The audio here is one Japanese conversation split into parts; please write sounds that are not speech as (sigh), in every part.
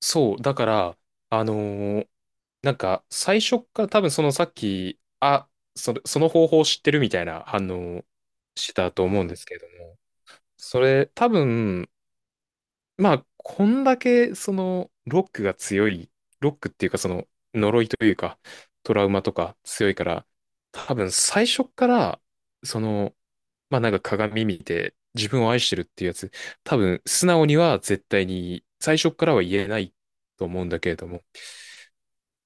そう、だから、あのーなんか、最初っから多分そのさっき、あ、それ、その方法を知ってるみたいな反応をしてたと思うんですけれども、それ、多分、まあ、こんだけ、その、ロックが強い、ロックっていうか、その、呪いというか、トラウマとか強いから、多分最初っから、その、まあなんか鏡見て、自分を愛してるっていうやつ、多分、素直には絶対に、最初っからは言えないと思うんだけれども、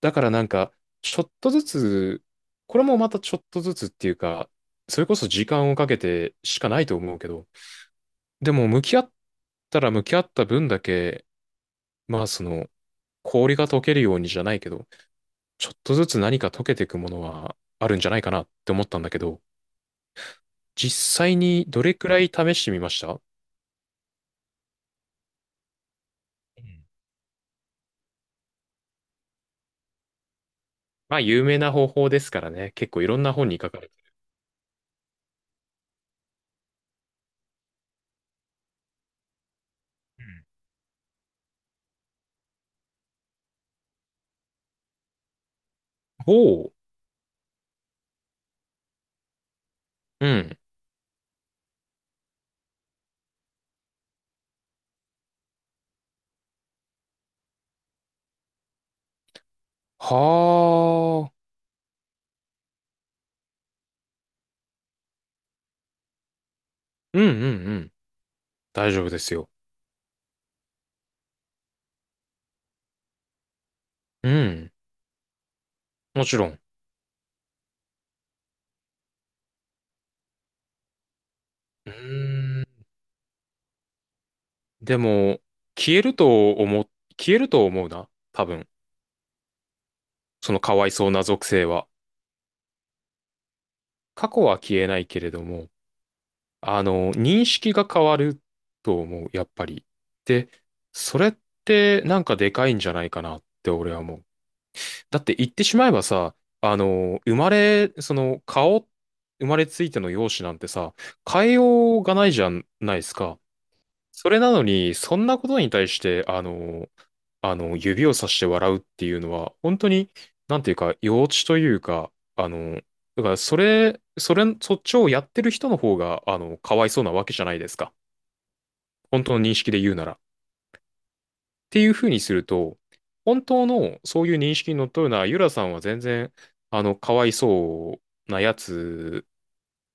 だからなんか、ちょっとずつ、これもまたちょっとずつっていうか、それこそ時間をかけてしかないと思うけど、でも向き合ったら向き合った分だけ、まあその、氷が溶けるようにじゃないけど、ちょっとずつ何か溶けていくものはあるんじゃないかなって思ったんだけど、実際にどれくらい試してみました？うん。まあ有名な方法ですからね、結構いろんな本に書かれてる。うん。おう、うん。はあ、うんうんうん。大丈夫ですよ。うん。もちろん。うーん。でも、消えると思う、消えると思うな。多分。そのかわいそうな属性は。過去は消えないけれども、あの、認識が変わると思う、やっぱり。で、それってなんかでかいんじゃないかなって俺は思う。だって言ってしまえばさ、あの、生まれ、その顔、生まれついての容姿なんてさ、変えようがないじゃないですか。それなのに、そんなことに対して、あの、指をさして笑うっていうのは、本当に、なんていうか、幼稚というか、あの、だから、そっちをやってる人の方が、あの、かわいそうなわけじゃないですか。本当の認識で言うなら。っていうふうにすると、本当のそういう認識にのっとるのは、ゆらさんは全然、あの、かわいそうなやつ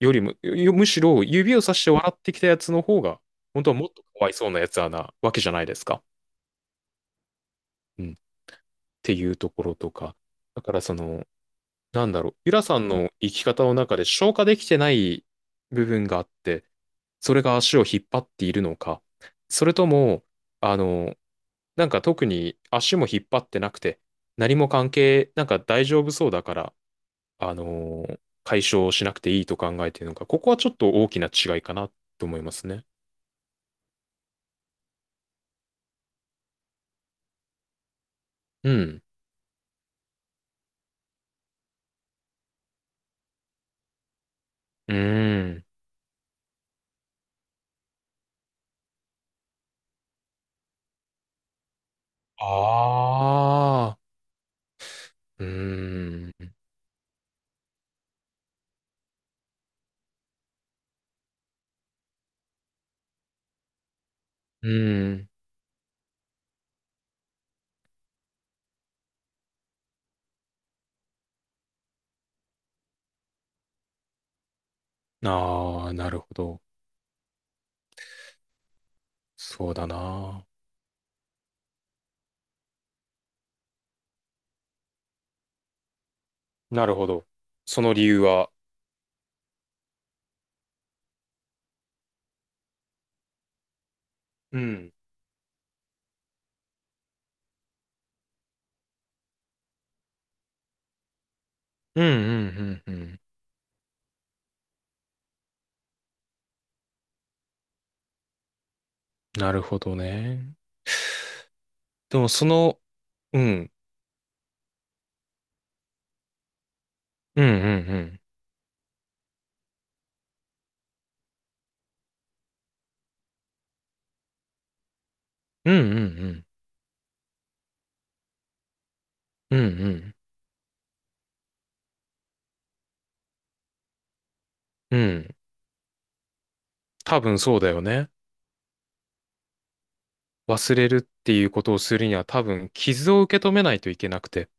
よりも、むしろ指をさして笑ってきたやつの方が、本当はもっとかわいそうなやつはなわけじゃないですか。うん。っていうところとか。だからその、なんだろう、ゆらさんの生き方の中で消化できてない部分があって、それが足を引っ張っているのか、それとも、あの、なんか特に足も引っ張ってなくて、何も関係、なんか大丈夫そうだから、あの、解消しなくていいと考えているのか、ここはちょっと大きな違いかなと思いますね。うん。うーん。ああ。うーん。うーん。ああ、なるほど。そうだな。なるほど。その理由は？うん。うんうんうんうん。なるほどね。でもその、うん。うんうんうん。うんうんうん。うんうん。うん。多分そうだよね。忘れるっていうことをするには多分傷を受け止めないといけなくて。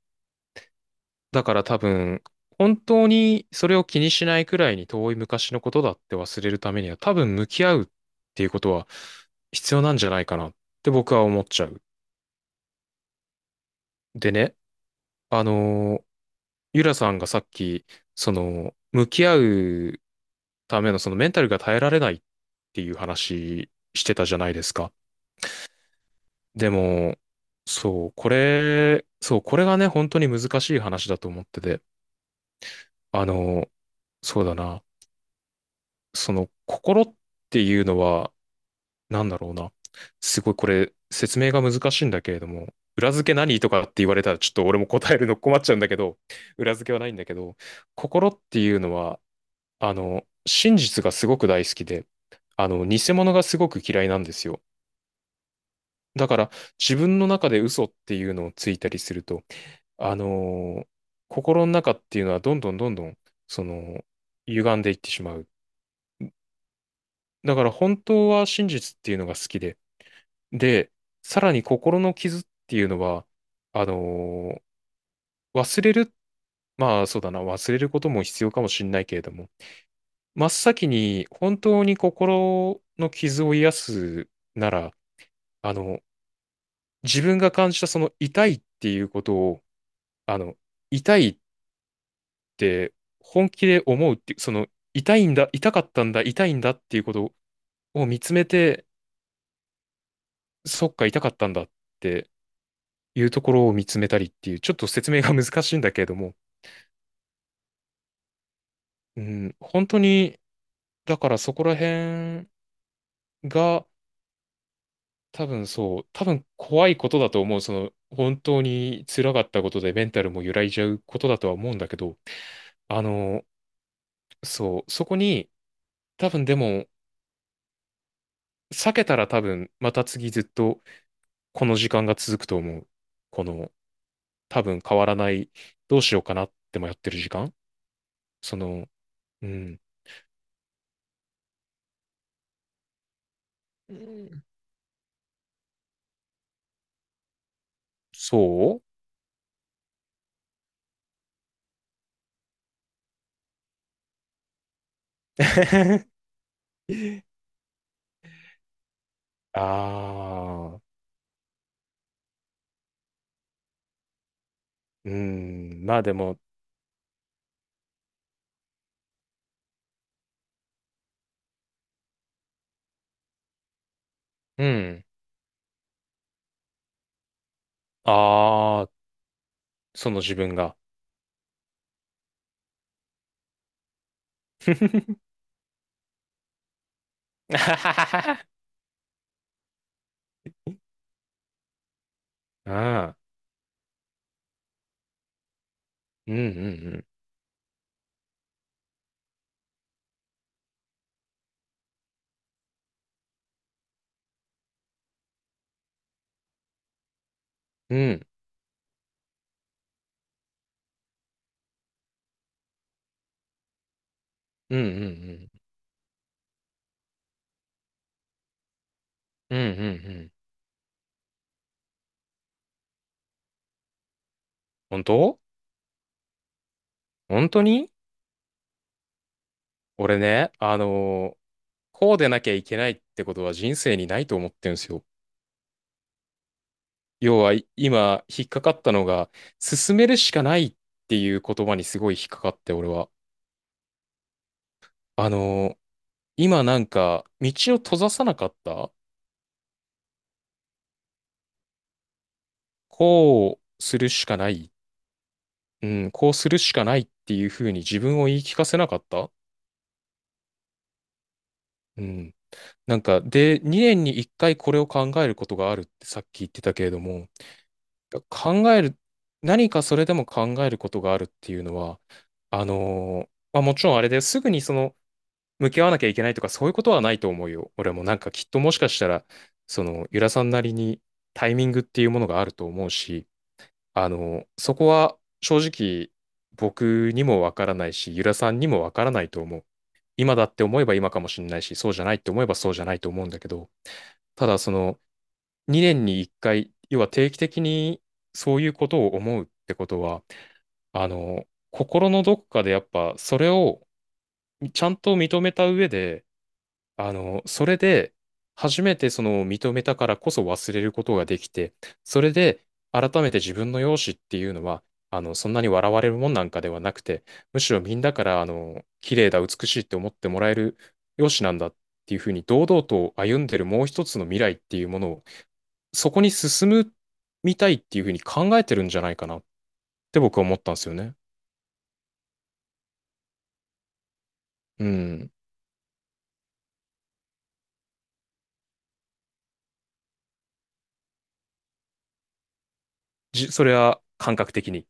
だから多分、本当にそれを気にしないくらいに遠い昔のことだって忘れるためには多分向き合うっていうことは必要なんじゃないかなって僕は思っちゃう。でね、あのー、ゆらさんがさっき、その、向き合うためのそのメンタルが耐えられないっていう話してたじゃないですか。でも、そう、これ、そう、これがね、本当に難しい話だと思ってて、あのそうだな、その、心っていうのは、なんだろうな、すごいこれ、説明が難しいんだけれども、裏付け何とかって言われたら、ちょっと俺も答えるの困っちゃうんだけど、裏付けはないんだけど、心っていうのは、あの、真実がすごく大好きで、あの、偽物がすごく嫌いなんですよ。だから、自分の中で嘘っていうのをついたりすると、あのー心の中っていうのはどんどんどんどん、その、歪んでいってしまう。だから、本当は真実っていうのが好きで、で、さらに心の傷っていうのは、あのー忘れる、まあ、そうだな、忘れることも必要かもしれないけれども、真っ先に本当に心の傷を癒すなら、あの、自分が感じたその痛いっていうことを、あの、痛いって本気で思うっていう、その痛いんだ、痛かったんだ、痛いんだっていうことを見つめて、そっか、痛かったんだっていうところを見つめたりっていう、ちょっと説明が難しいんだけれども、うん、本当に、だからそこら辺が、多分そう、多分怖いことだと思う。その、本当に辛かったことでメンタルも揺らいじゃうことだとは思うんだけど、あの、そう、そこに、多分でも、避けたら多分、また次ずっとこの時間が続くと思う。この、多分変わらない、どうしようかなってもやってる時間。その、うん、うん。そう。 (laughs) ああ、うん、まあでも、うん、ああ、その自分が。(laughs) ああ、うん、うん、うん、うん、うん、うん、うん、うん、うん、うん、本当。本当に俺ね、こうでなきゃいけないってことは人生にないと思ってるんですよ。要は今引っかかったのが、進めるしかないっていう言葉にすごい引っかかって俺は。あのー今なんか道を閉ざさなかった。こうするしかない。うん、こうするしかないっていうふうに自分を言い聞かせなかった。うん。なんか、で、2年に1回これを考えることがあるってさっき言ってたけれども、考える、何かそれでも考えることがあるっていうのは、まあ、もちろんあれですぐにその向き合わなきゃいけないとかそういうことはないと思うよ。俺もなんかきっともしかしたら、そのゆらさんなりにタイミングっていうものがあると思うし、そこは正直僕にもわからないし、ゆらさんにもわからないと思う。今だって思えば今かもしれないし、そうじゃないって思えばそうじゃないと思うんだけど、ただその、2年に1回、要は定期的にそういうことを思うってことは、あの、心のどこかでやっぱそれをちゃんと認めた上で、あの、それで初めてその認めたからこそ忘れることができて、それで改めて自分の容姿っていうのは、あの、そんなに笑われるもんなんかではなくて、むしろみんなから、あの、綺麗だ、美しいって思ってもらえる容姿なんだっていうふうに堂々と歩んでるもう一つの未来っていうものをそこに進むみたいっていうふうに考えてるんじゃないかなって僕は思ったんですよね。うん。それは感覚的に？